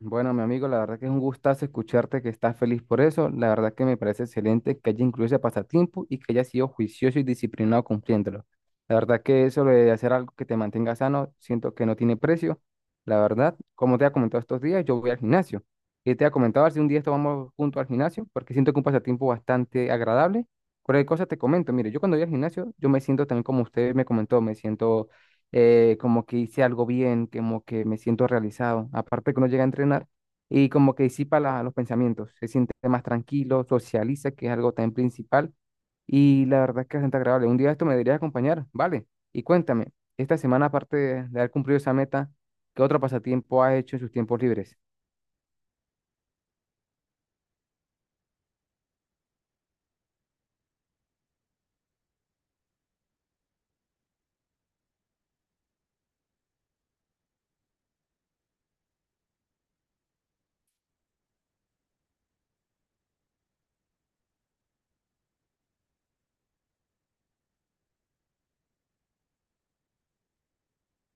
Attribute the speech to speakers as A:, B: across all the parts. A: Bueno, mi amigo, la verdad que es un gustazo escucharte que estás feliz por eso. La verdad que me parece excelente que haya incluido ese pasatiempo y que haya sido juicioso y disciplinado cumpliéndolo. La verdad que eso de hacer algo que te mantenga sano, siento que no tiene precio. La verdad, como te ha comentado estos días, yo voy al gimnasio. Y te ha comentado a ver si un día esto vamos juntos al gimnasio, porque siento que un pasatiempo bastante agradable. Cualquier cosa te comento. Mire, yo cuando voy al gimnasio, yo me siento también como usted me comentó, me siento como que hice algo bien, como que me siento realizado. Aparte que uno llega a entrenar y como que disipa los pensamientos, se siente más tranquilo, socializa, que es algo tan principal. Y la verdad es que es bastante agradable. Un día esto me deberías acompañar, ¿vale? Y cuéntame, esta semana, aparte de haber cumplido esa meta, ¿qué otro pasatiempo has hecho en sus tiempos libres?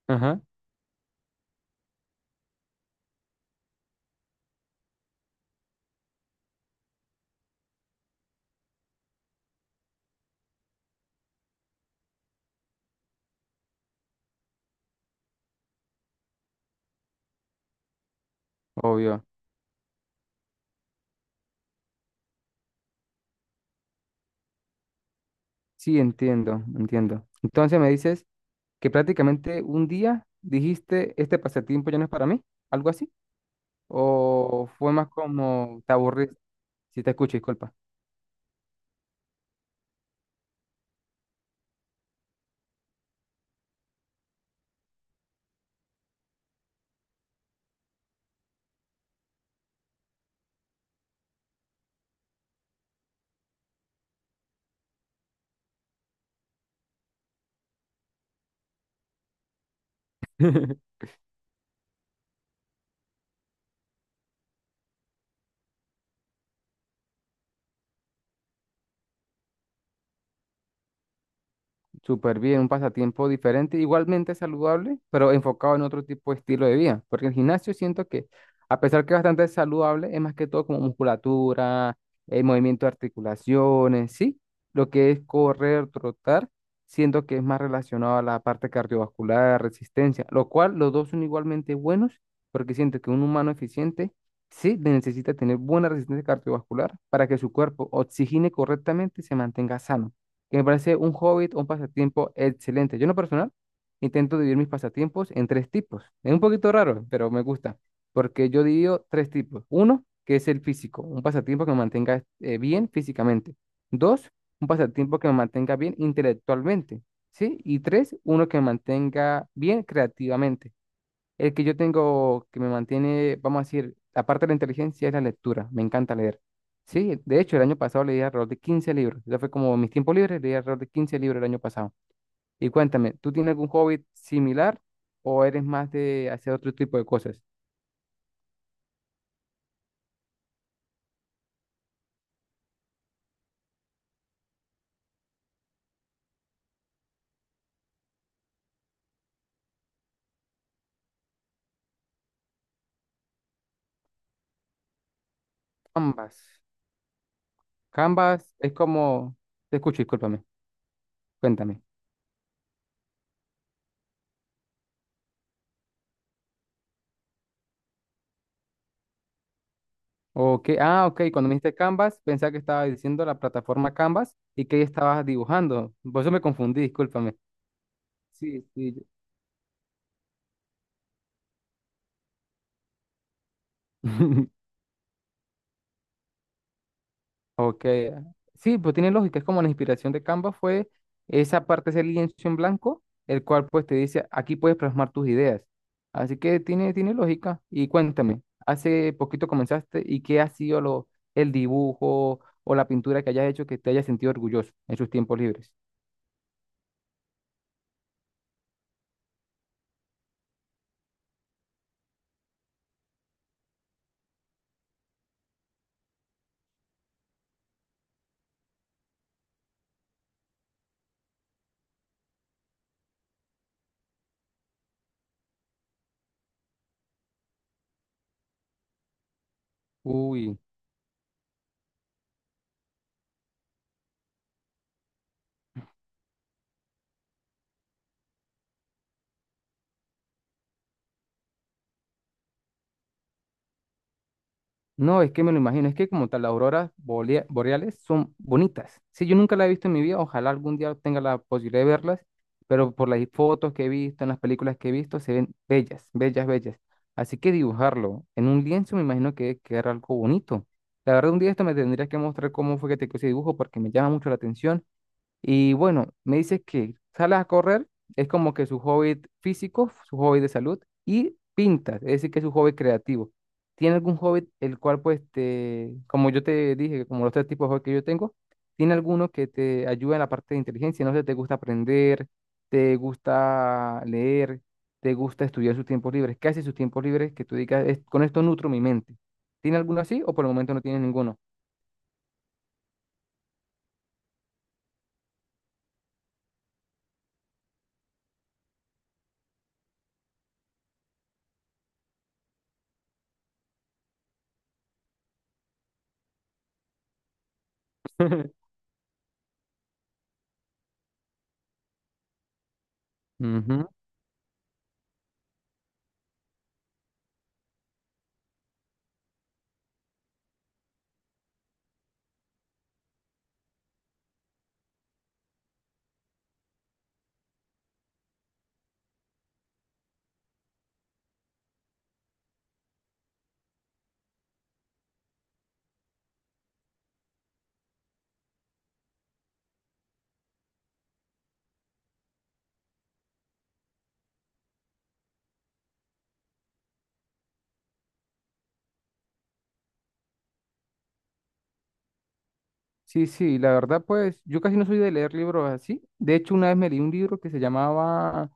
A: Ajá. Obvio. Sí, entiendo, entiendo. Entonces me dices que prácticamente un día dijiste, este pasatiempo ya no es para mí, algo así. ¿O fue más como te aburriste? Si te escucho, disculpa. Súper bien, un pasatiempo diferente, igualmente saludable, pero enfocado en otro tipo de estilo de vida. Porque el gimnasio siento que, a pesar que es bastante saludable, es más que todo como musculatura, el movimiento de articulaciones, ¿sí? Lo que es correr, trotar, siento que es más relacionado a la parte cardiovascular, resistencia, lo cual los dos son igualmente buenos, porque siento que un humano eficiente, sí, necesita tener buena resistencia cardiovascular para que su cuerpo oxigene correctamente y se mantenga sano que me parece un hobby o un pasatiempo excelente. Yo en lo personal intento dividir mis pasatiempos en tres tipos. Es un poquito raro, pero me gusta, porque yo divido tres tipos. Uno, que es el físico, un pasatiempo que me mantenga bien físicamente. Dos, un pasatiempo que me mantenga bien intelectualmente, ¿sí? Y tres, uno que me mantenga bien creativamente. El que yo tengo que me mantiene, vamos a decir, aparte de la inteligencia, es la lectura. Me encanta leer. Sí, de hecho, el año pasado leí alrededor de 15 libros. Ya fue como mis tiempos libres, leí alrededor de 15 libros el año pasado. Y cuéntame, ¿tú tienes algún hobby similar o eres más de hacer otro tipo de cosas? Canvas. Canvas es como... Te escucho, discúlpame. Cuéntame. Ok, ah, ok, cuando me dijiste Canvas, pensaba que estaba diciendo la plataforma Canvas y que ahí estabas dibujando. Por eso me confundí, discúlpame. Sí, sí. yo- Ok, sí, pues tiene lógica, es como la inspiración de Canva fue esa parte, ese lienzo en blanco, el cual pues te dice, aquí puedes plasmar tus ideas. Así que tiene, tiene lógica. Y cuéntame, hace poquito comenzaste y qué ha sido lo, el dibujo o la pintura que hayas hecho que te hayas sentido orgulloso en sus tiempos libres. Uy. No, es que me lo imagino, es que como tal, las boreales son bonitas. Sí, yo nunca las he visto en mi vida, ojalá algún día tenga la posibilidad de verlas, pero por las fotos que he visto, en las películas que he visto, se ven bellas, bellas, bellas. Así que dibujarlo en un lienzo me imagino que era algo bonito. La verdad, un día esto me tendrías que mostrar cómo fue que te quedó ese dibujo porque me llama mucho la atención y bueno, me dices que sales a correr, es como que su hobby físico, su hobby de salud, y pintas, es decir, que es su hobby creativo. ¿Tiene algún hobby el cual, pues, te, como yo te dije, como los tres tipos de hobby que yo tengo, tiene alguno que te ayuda en la parte de inteligencia? No sé, ¿te gusta aprender? ¿Te gusta leer? ¿Te gusta estudiar sus tiempos libres? ¿Qué hace sus tiempos libres que tú digas, "Es- con esto nutro mi mente? ¿Tiene alguno así o por el momento no tiene ninguno? Ujú. Sí, sí, la verdad, pues yo casi no soy de leer libros así. De hecho, una vez me leí un libro que se llamaba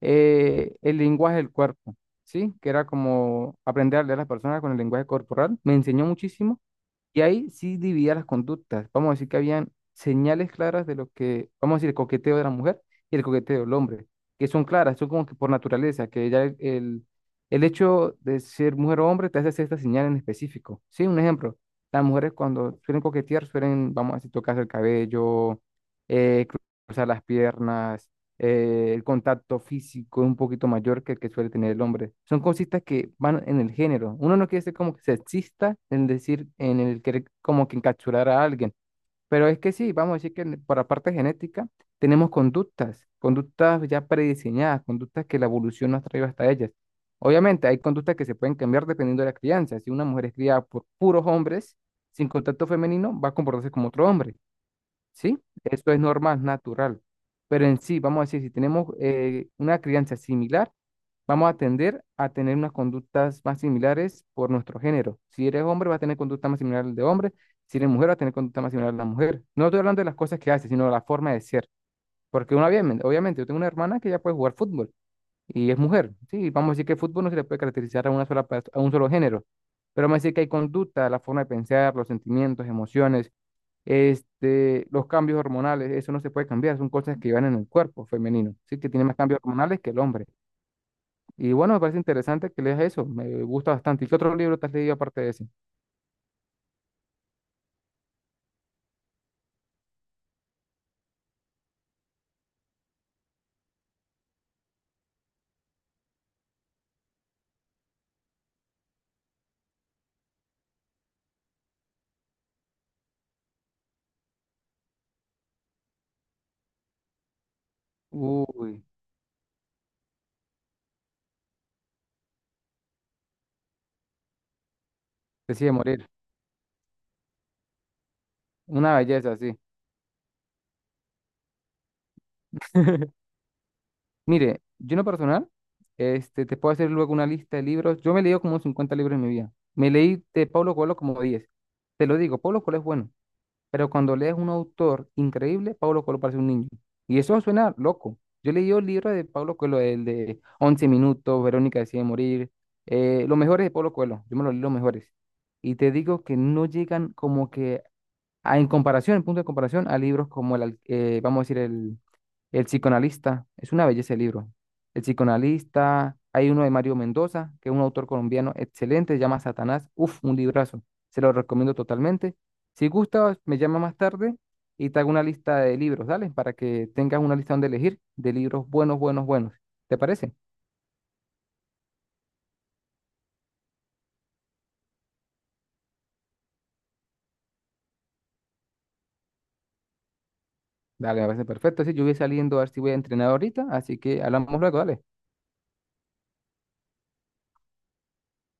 A: El lenguaje del cuerpo, ¿sí? Que era como aprender a leer a las personas con el lenguaje corporal. Me enseñó muchísimo. Y ahí sí dividía las conductas. Vamos a decir que habían señales claras de lo que, vamos a decir, el coqueteo de la mujer y el coqueteo del hombre, que son claras, son como que por naturaleza, que ya el hecho de ser mujer o hombre te hace hacer esta señal en específico. Sí, un ejemplo, las mujeres cuando suelen coquetear suelen, vamos a decir, tocarse el cabello, eh, cruzar las piernas, el contacto físico es un poquito mayor que el que suele tener el hombre. Son cositas que van en el género. Uno no quiere ser como que sexista en decir, en el querer como que encapsular a alguien, pero es que sí, vamos a decir que por la parte genética tenemos conductas, conductas ya prediseñadas, conductas que la evolución nos ha traído hasta ellas. Obviamente hay conductas que se pueden cambiar dependiendo de la crianza. Si una mujer es criada por puros hombres, sin contacto femenino, va a comportarse como otro hombre. ¿Sí? Esto es normal, natural. Pero en sí, vamos a decir, si tenemos una crianza similar, vamos a tender a tener unas conductas más similares por nuestro género. Si eres hombre, vas a tener conducta más similar al de hombre. Si eres mujer, vas a tener conducta más similar a la mujer. No estoy hablando de las cosas que hace, sino de la forma de ser. Porque una, obviamente, obviamente, yo tengo una hermana que ya puede jugar fútbol y es mujer. Sí, vamos a decir que el fútbol no se le puede caracterizar a una sola, a un solo género. Pero vamos a decir que hay conducta, la forma de pensar, los sentimientos, emociones, este, los cambios hormonales, eso no se puede cambiar, son cosas que van en el cuerpo femenino, sí, que tiene más cambios hormonales que el hombre. Y bueno, me parece interesante que leas eso, me gusta bastante. ¿Y qué otro libro te has leído aparte de ese? Uy, decide morir, una belleza, sí. Mire, yo en lo personal, este, te puedo hacer luego una lista de libros. Yo me he leído como 50 libros en mi vida. Me leí de Pablo Coelho como 10. Te lo digo, Pablo Coelho es bueno. Pero cuando lees un autor increíble, Pablo Coelho parece un niño. Y eso suena loco. Yo leí el libro de Pablo Coelho, el de once minutos, Verónica decide morir, los mejores de Pablo Coelho. Yo me los leí los mejores. Y te digo que no llegan como que en comparación, en punto de comparación, a libros como vamos a decir, el psicoanalista, es una belleza el libro. El psicoanalista, hay uno de Mario Mendoza, que es un autor colombiano excelente, se llama Satanás. Uf, un librazo. Se lo recomiendo totalmente. Si gustas, me llama más tarde y te hago una lista de libros, dale, para que tengas una lista donde elegir de libros buenos, buenos, buenos. ¿Te parece? Dale, me parece perfecto. Sí, yo voy saliendo a ver si voy a entrenar ahorita, así que hablamos luego, dale.